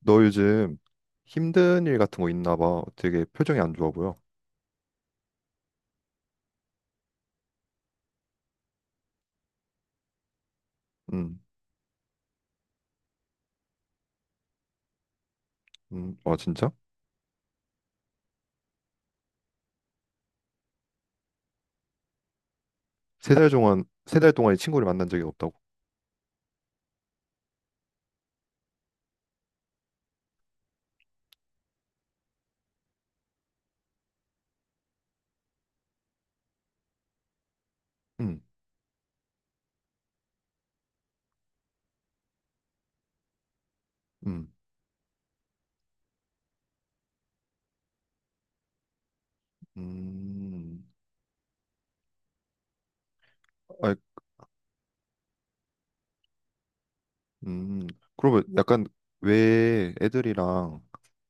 너 요즘 힘든 일 같은 거 있나 봐. 되게 표정이 안 좋아 보여. 음, 아 진짜? 세 달 동안 세 달 동안 이 친구를 만난 적이 없다고? 음, 음, 음, 아, 음. 그러면 약간 왜 애들이랑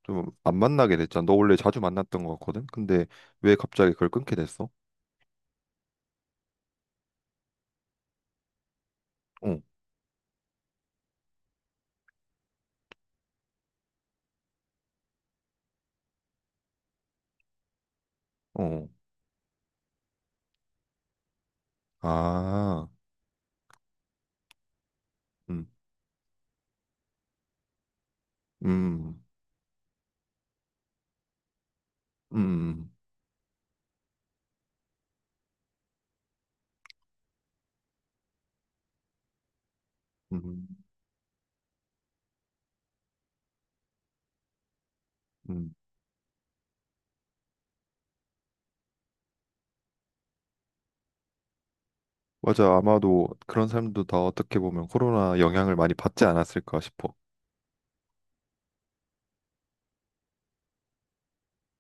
좀 안 만나게 됐잖아. 너 원래 자주 만났던 거 같거든. 근데 왜 갑자기 그걸 끊게 됐어? 어, 어, 아, 음, 음, 음, 음, 음, 맞아. 아마도 그런 사람도 다 어떻게 보면 코로나 영향을 많이 받지 않았을까 싶어.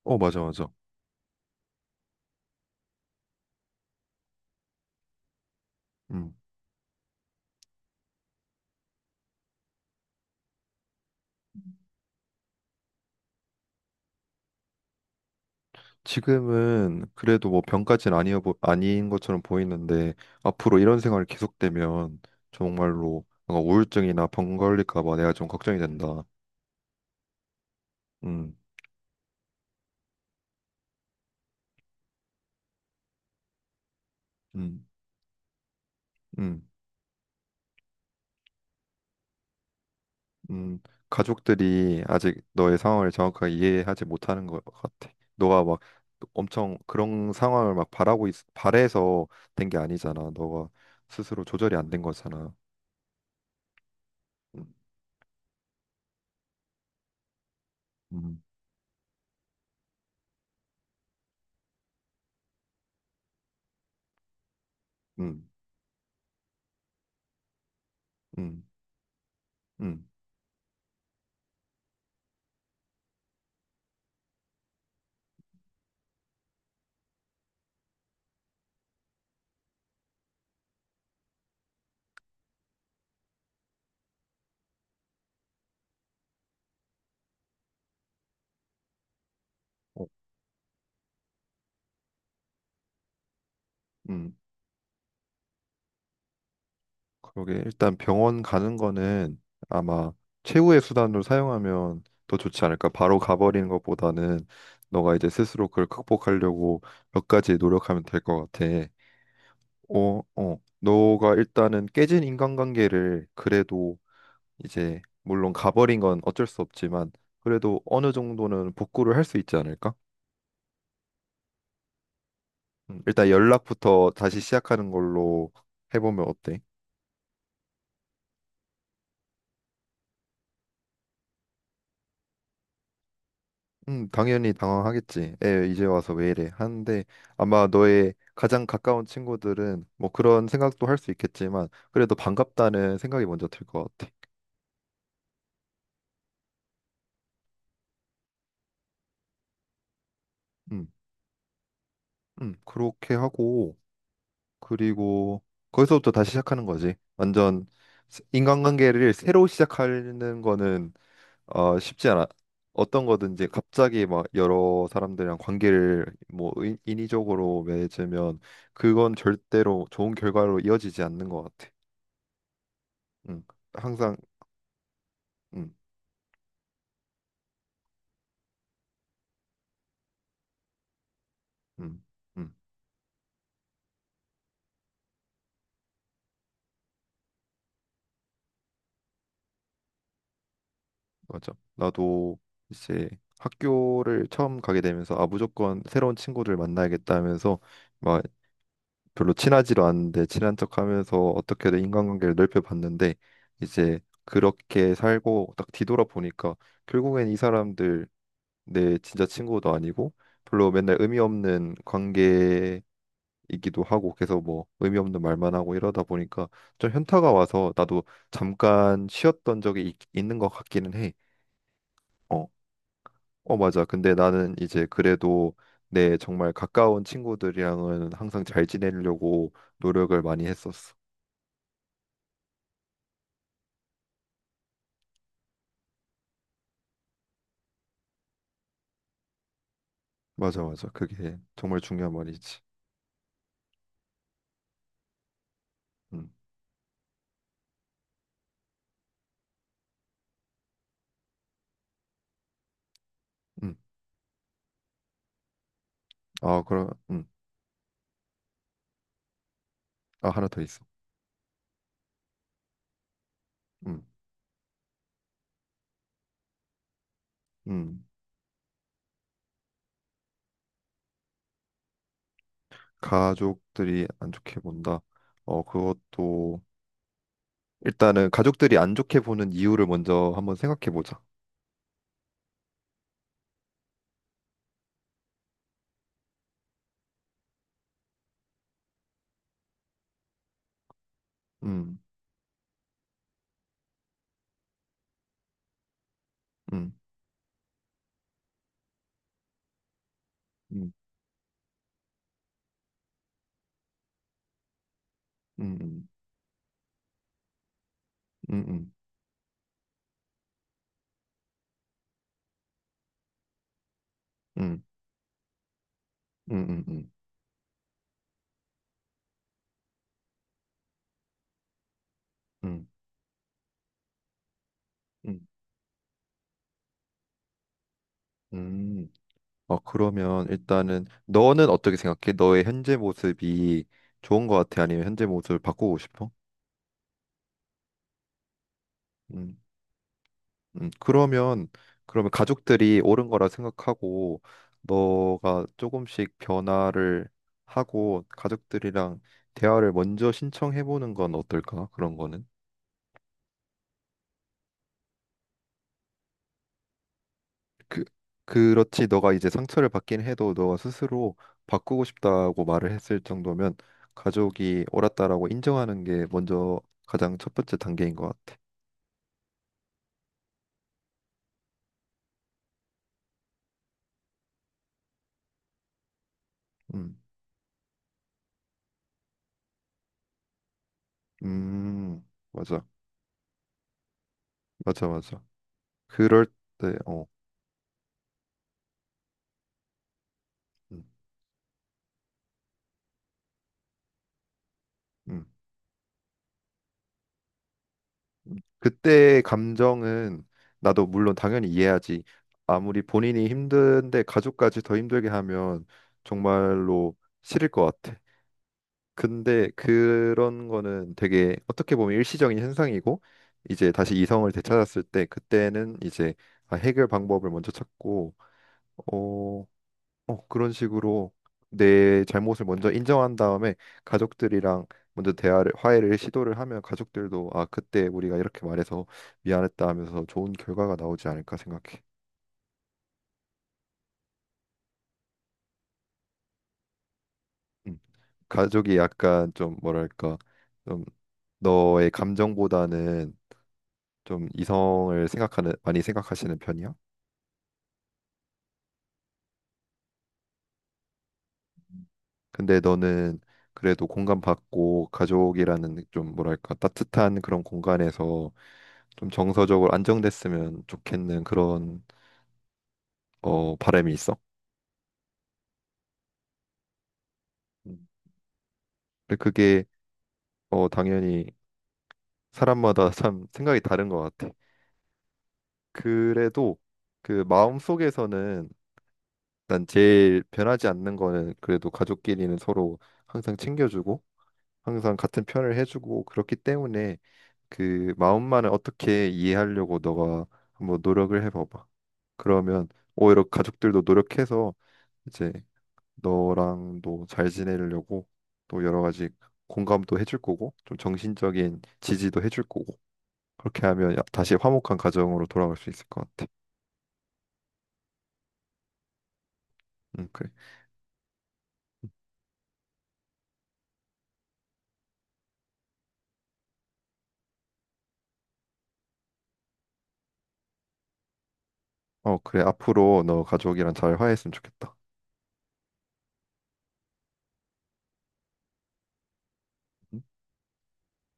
어, 맞아, 맞아. 음. 지금은 그래도 뭐 병까지는 아닌 것처럼 보이는데 앞으로 이런 생활이 계속되면 정말로 뭔가 우울증이나 병 걸릴까 봐 내가 좀 걱정이 된다. 음. 음. 음. 음, 가족들이 아직 너의 상황을 정확하게 이해하지 못하는 것 같아. 너가 막 엄청 그런 상황을 막 바래서 된 게 아니잖아. 너가 스스로 조절이 안 된 거잖아. 음, 음, 음, 음, 음, 어, 음. 그러게 일단 병원 가는 거는 아마 최후의 수단으로 사용하면 더 좋지 않을까. 바로 가버리는 것보다는 너가 이제 스스로 그걸 극복하려고 몇 가지 노력하면 될 것 같아. 어, 어. 너가 일단은 깨진 인간관계를 그래도 이제 물론 가버린 건 어쩔 수 없지만 그래도 어느 정도는 복구를 할 수 있지 않을까? 일단 연락부터 다시 시작하는 걸로 해보면 어때? 당연히 당황하겠지. 에, 이제 와서 왜 이래? 하는데 아마 너의 가장 가까운 친구들은 뭐 그런 생각도 할 수 있겠지만 그래도 반갑다는 생각이 먼저 들 것 같아. 음, 그렇게 하고. 그리고 거기서부터 다시 시작하는 거지. 완전 인간관계를 새로 시작하는 거는 어, 쉽지 않아. 어떤 거든지 갑자기 막 여러 사람들이랑 관계를 뭐 인위적으로 맺으면 그건 절대로 좋은 결과로 이어지지 않는 것 같아. 응. 항상 응, 응, 응, 맞아. 나도 이제 학교를 처음 가게 되면서 아 무조건 새로운 친구들 만나야겠다 하면서 막 별로 친하지도 않은데 친한 척하면서 어떻게든 인간관계를 넓혀봤는데 이제 그렇게 살고 딱 뒤돌아보니까 결국엔 이 사람들 내 진짜 친구도 아니고 별로 맨날 의미 없는 관계이기도 하고 계속 뭐 의미 없는 말만 하고 이러다 보니까 좀 현타가 와서 나도 잠깐 쉬었던 적이 있는 것 같기는 해. 어, 어 맞아. 근데 나는 이제 그래도 내 정말 가까운 친구들이랑은 항상 잘 지내려고 노력을 많이 했었어. 맞아, 맞아. 그게 정말 중요한 말이지. 음, 음. 아, 그럼, 아, 하나 더 있어. 음, 음. 가족들이 안 좋게 본다. 어, 그것도 일단은 가족들이 안 좋게 보는 이유를 먼저 한번 생각해 보자. 음, 음, 음, 음, 음, 음, 음, 음, 음, 음, 음, 음. 음. 어, 그러면 일단은 너는 어떻게 생각해? 너의 현재 모습이 좋은 것 같아? 아니면 현재 모습을 바꾸고 싶어? 음. 그러면 가족들이 옳은 거라 생각하고 너가 조금씩 변화를 하고 가족들이랑 대화를 먼저 신청해 보는 건 어떨까? 그런 거는 그 그렇지 너가 이제 상처를 받긴 해도 너가 스스로 바꾸고 싶다고 말을 했을 정도면 가족이 옳았다라고 인정하는 게 먼저 가장 첫 번째 단계인 것 같아. 음, 맞아, 맞아, 맞아. 그럴 때, 어, 음, 음. 그때의 감정은 나도 물론 당연히 이해하지. 아무리 본인이 힘든데 가족까지 더 힘들게 하면 정말로 싫을 것 같아. 근데 그런 거는 되게 어떻게 보면 일시적인 현상이고 이제 다시 이성을 되찾았을 때 그때는 이제 아, 해결 방법을 먼저 찾고 어, 어, 그런 식으로 내 잘못을 먼저 인정한 다음에 가족들이랑 먼저 대화를 화해를 시도를 하면 가족들도 아 그때 우리가 이렇게 말해서 미안했다 하면서 좋은 결과가 나오지 않을까 생각해. 음. 가족이 약간 좀 뭐랄까 좀 너의 감정보다는 좀 이성을 생각하는 많이 생각하시는 편이야? 근데 너는 그래도 공감받고 가족이라는 좀 뭐랄까 따뜻한 그런 공간에서 좀 정서적으로 안정됐으면 좋겠는 그런 어 바람이 있어. 음. 근데 그게 어 당연히 사람마다 참 생각이 다른 것 같아. 그래도 그 마음 속에서는 난 제일 변하지 않는 거는 그래도 가족끼리는 서로 항상 챙겨주고 항상 같은 편을 해주고 그렇기 때문에 그 마음만을 어떻게 이해하려고 너가 한번 노력을 해봐봐. 그러면 오히려 가족들도 노력해서 이제 너랑도 잘 지내려고 또 여러 가지 공감도 해줄 거고 좀 정신적인 지지도 해줄 거고 그렇게 하면 다시 화목한 가정으로 돌아갈 수 있을 것 같아. 응, 그래. 어, 그래. 앞으로 너 가족이랑 잘 화해했으면 좋겠다.